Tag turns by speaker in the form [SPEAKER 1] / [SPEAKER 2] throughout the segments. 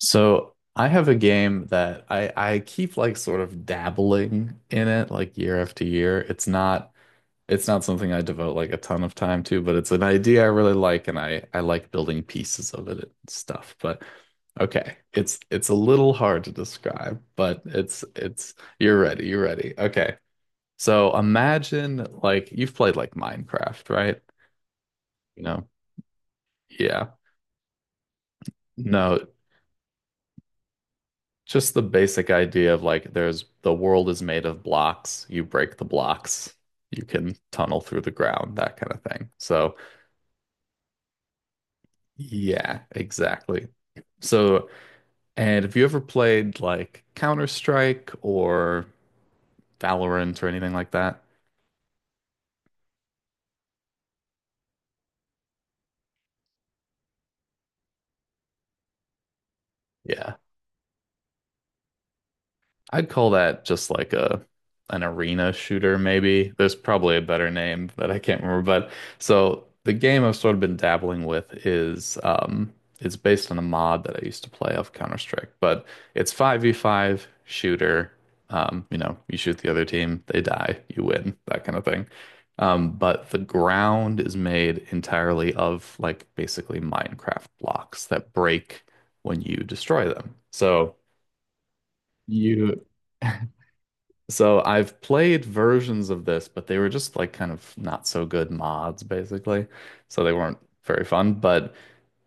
[SPEAKER 1] So I have a game that I keep like sort of dabbling in it like year after year. It's not something I devote like a ton of time to, but it's an idea I really like and I like building pieces of it and stuff. But okay, it's a little hard to describe, but it's you're ready, you're ready. Okay. So imagine like you've played like Minecraft, right? You know. Yeah. No, just the basic idea of like the world is made of blocks. You break the blocks, you can tunnel through the ground, that kind of thing. So, yeah, exactly. So, and have you ever played like Counter-Strike or Valorant or anything like that? Yeah. I'd call that just like a an arena shooter, maybe. There's probably a better name that I can't remember, but so the game I've sort of been dabbling with is it's based on a mod that I used to play of Counter-Strike, but it's 5v5 shooter. You shoot the other team, they die, you win, that kind of thing. But the ground is made entirely of like basically Minecraft blocks that break when you destroy them. So you So I've played versions of this, but they were just like kind of not so good mods, basically. So they weren't very fun. But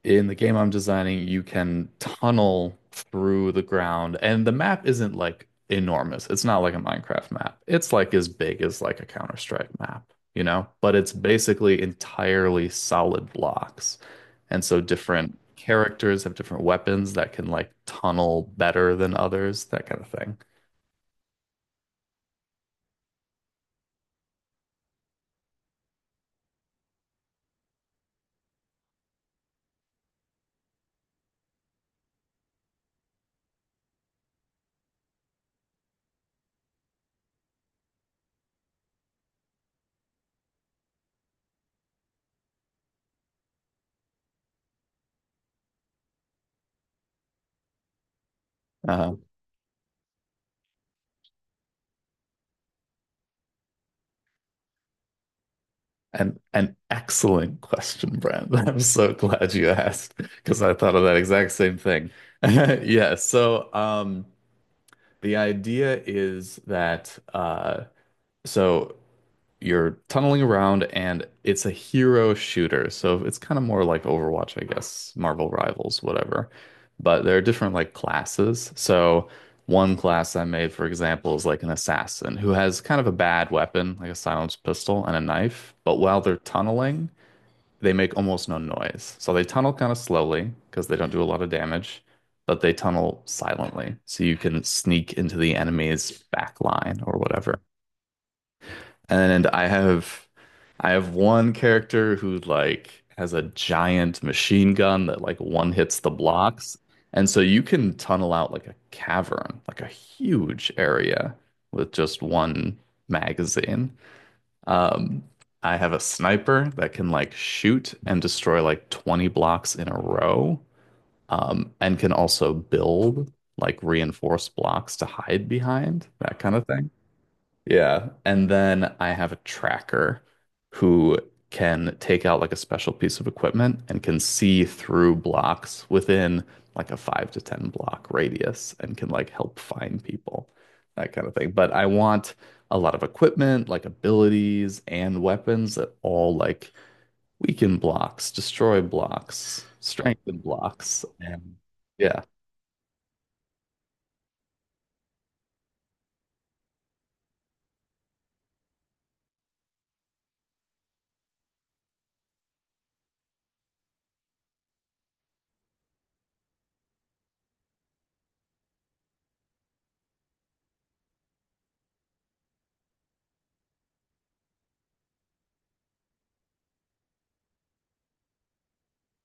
[SPEAKER 1] in the game I'm designing, you can tunnel through the ground, and the map isn't like enormous. It's not like a Minecraft map. It's like as big as like a Counter-Strike map, you know? But it's basically entirely solid blocks. And so different characters have different weapons that can like tunnel better than others, that kind of thing. Um, an excellent question, Brand. I'm so glad you asked because I thought of that exact same thing. Yeah, so the idea is that so you're tunneling around, and it's a hero shooter. So it's kind of more like Overwatch, I guess, Marvel Rivals, whatever. But there are different like classes. So one class I made, for example, is like an assassin who has kind of a bad weapon, like a silenced pistol and a knife, but while they're tunneling they make almost no noise. So they tunnel kind of slowly because they don't do a lot of damage, but they tunnel silently. So you can sneak into the enemy's back line or whatever. And I have one character who like has a giant machine gun that like one hits the blocks. And so you can tunnel out like a cavern, like a huge area with just one magazine. Um, I have a sniper that can like shoot and destroy like 20 blocks in a row, and can also build like reinforced blocks to hide behind, that kind of thing. Yeah. And then I have a tracker who can take out like a special piece of equipment and can see through blocks within like a 5 to 10 block radius and can like help find people, that kind of thing. But I want a lot of equipment, like abilities and weapons that all like weaken blocks, destroy blocks, strengthen blocks. And yeah,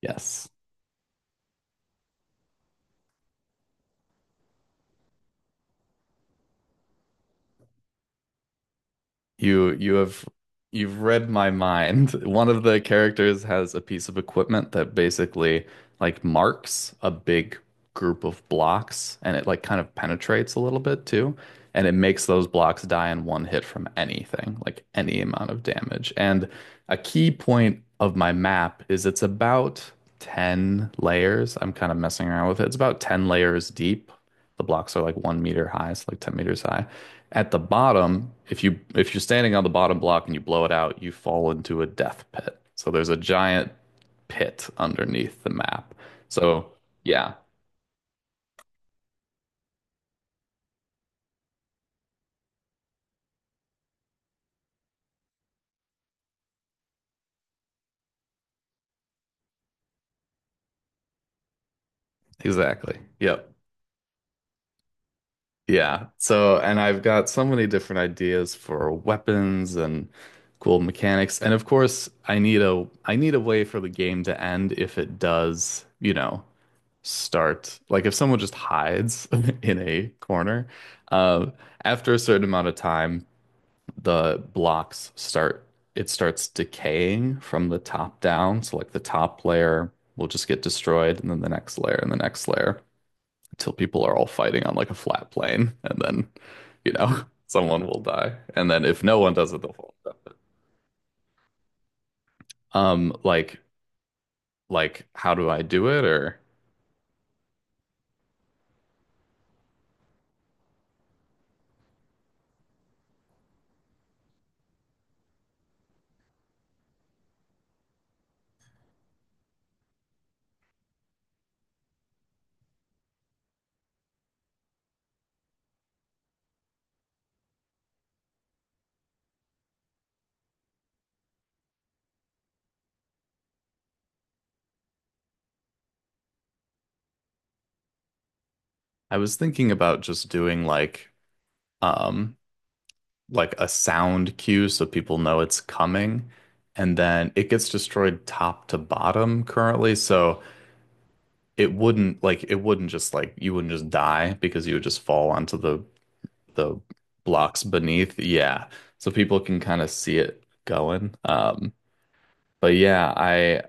[SPEAKER 1] yes. You you have you've read my mind. One of the characters has a piece of equipment that basically like marks a big group of blocks and it like kind of penetrates a little bit too. And it makes those blocks die in one hit from anything, like any amount of damage. And a key point of my map is it's about 10 layers. I'm kind of messing around with it. It's about 10 layers deep. The blocks are like 1 meter high, so like 10 meters high. At the bottom, if you're standing on the bottom block and you blow it out, you fall into a death pit. So there's a giant pit underneath the map. So yeah, exactly. Yep. Yeah. So and I've got so many different ideas for weapons and cool mechanics. And of course, I need a way for the game to end if it does, start like if someone just hides in a corner. uh, After a certain amount of time the blocks start it starts decaying from the top down, so like the top layer will just get destroyed and then the next layer and the next layer until people are all fighting on like a flat plane, and then someone will die, and then if no one does it they'll fall. um like like how do I do it? Or I was thinking about just doing um like a sound cue so people know it's coming. And then it gets destroyed top to bottom currently. So it wouldn't like it wouldn't just like you wouldn't just die because you would just fall onto the blocks beneath. Yeah. So people can kind of see it going. But yeah, I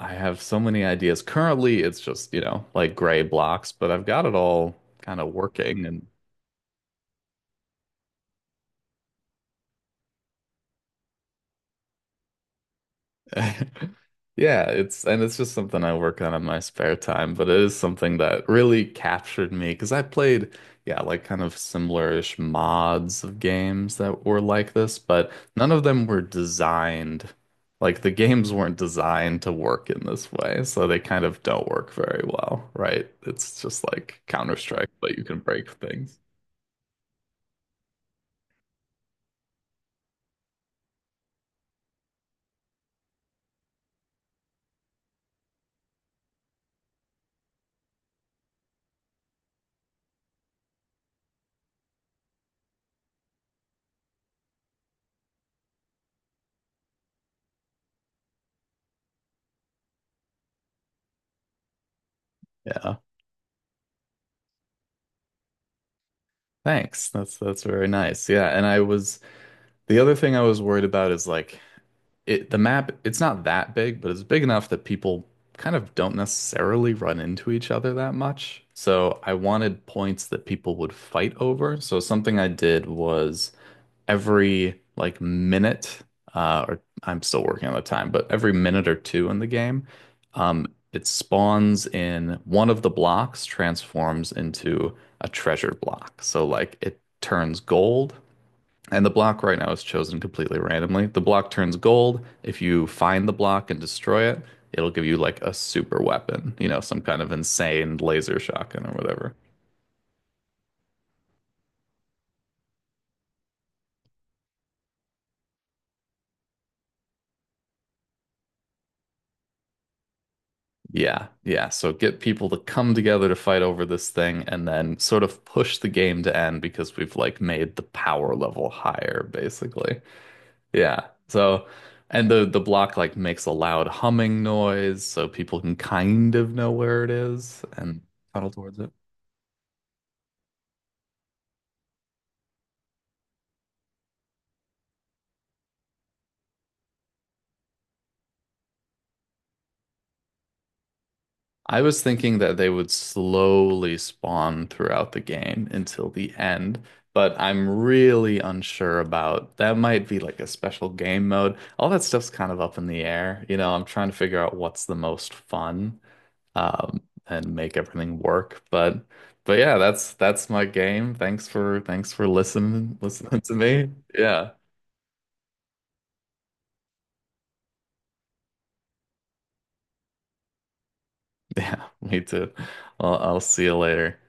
[SPEAKER 1] I have so many ideas. Currently it's just, like gray blocks, but I've got it all kind of working and Yeah, it's and it's just something I work on in my spare time, but it is something that really captured me because I played, yeah, like kind of similar-ish mods of games that were like this, but none of them were designed, like the games weren't designed to work in this way, so they kind of don't work very well, right? It's just like Counter-Strike, but you can break things. Yeah. Thanks. That's very nice. Yeah, and I was the other thing I was worried about is like it the map, it's not that big, but it's big enough that people kind of don't necessarily run into each other that much. So I wanted points that people would fight over. So something I did was every like minute, or I'm still working on the time, but every minute or two in the game, um, it spawns in one of the blocks transforms into a treasure block. So like it turns gold and the block right now is chosen completely randomly. The block turns gold. If you find the block and destroy it, it'll give you like a super weapon, some kind of insane laser shotgun or whatever. Yeah, yeah. So get people to come together to fight over this thing and then sort of push the game to end because we've like made the power level higher, basically. Yeah. So and the block like makes a loud humming noise so people can kind of know where it is and tunnel towards it. I was thinking that they would slowly spawn throughout the game until the end, but I'm really unsure about that. Might be like a special game mode. All that stuff's kind of up in the air. You know, I'm trying to figure out what's the most fun, and make everything work. But yeah, that's my game. Thanks for listening listening to me. Yeah. Yeah, me too. Well, I'll see you later.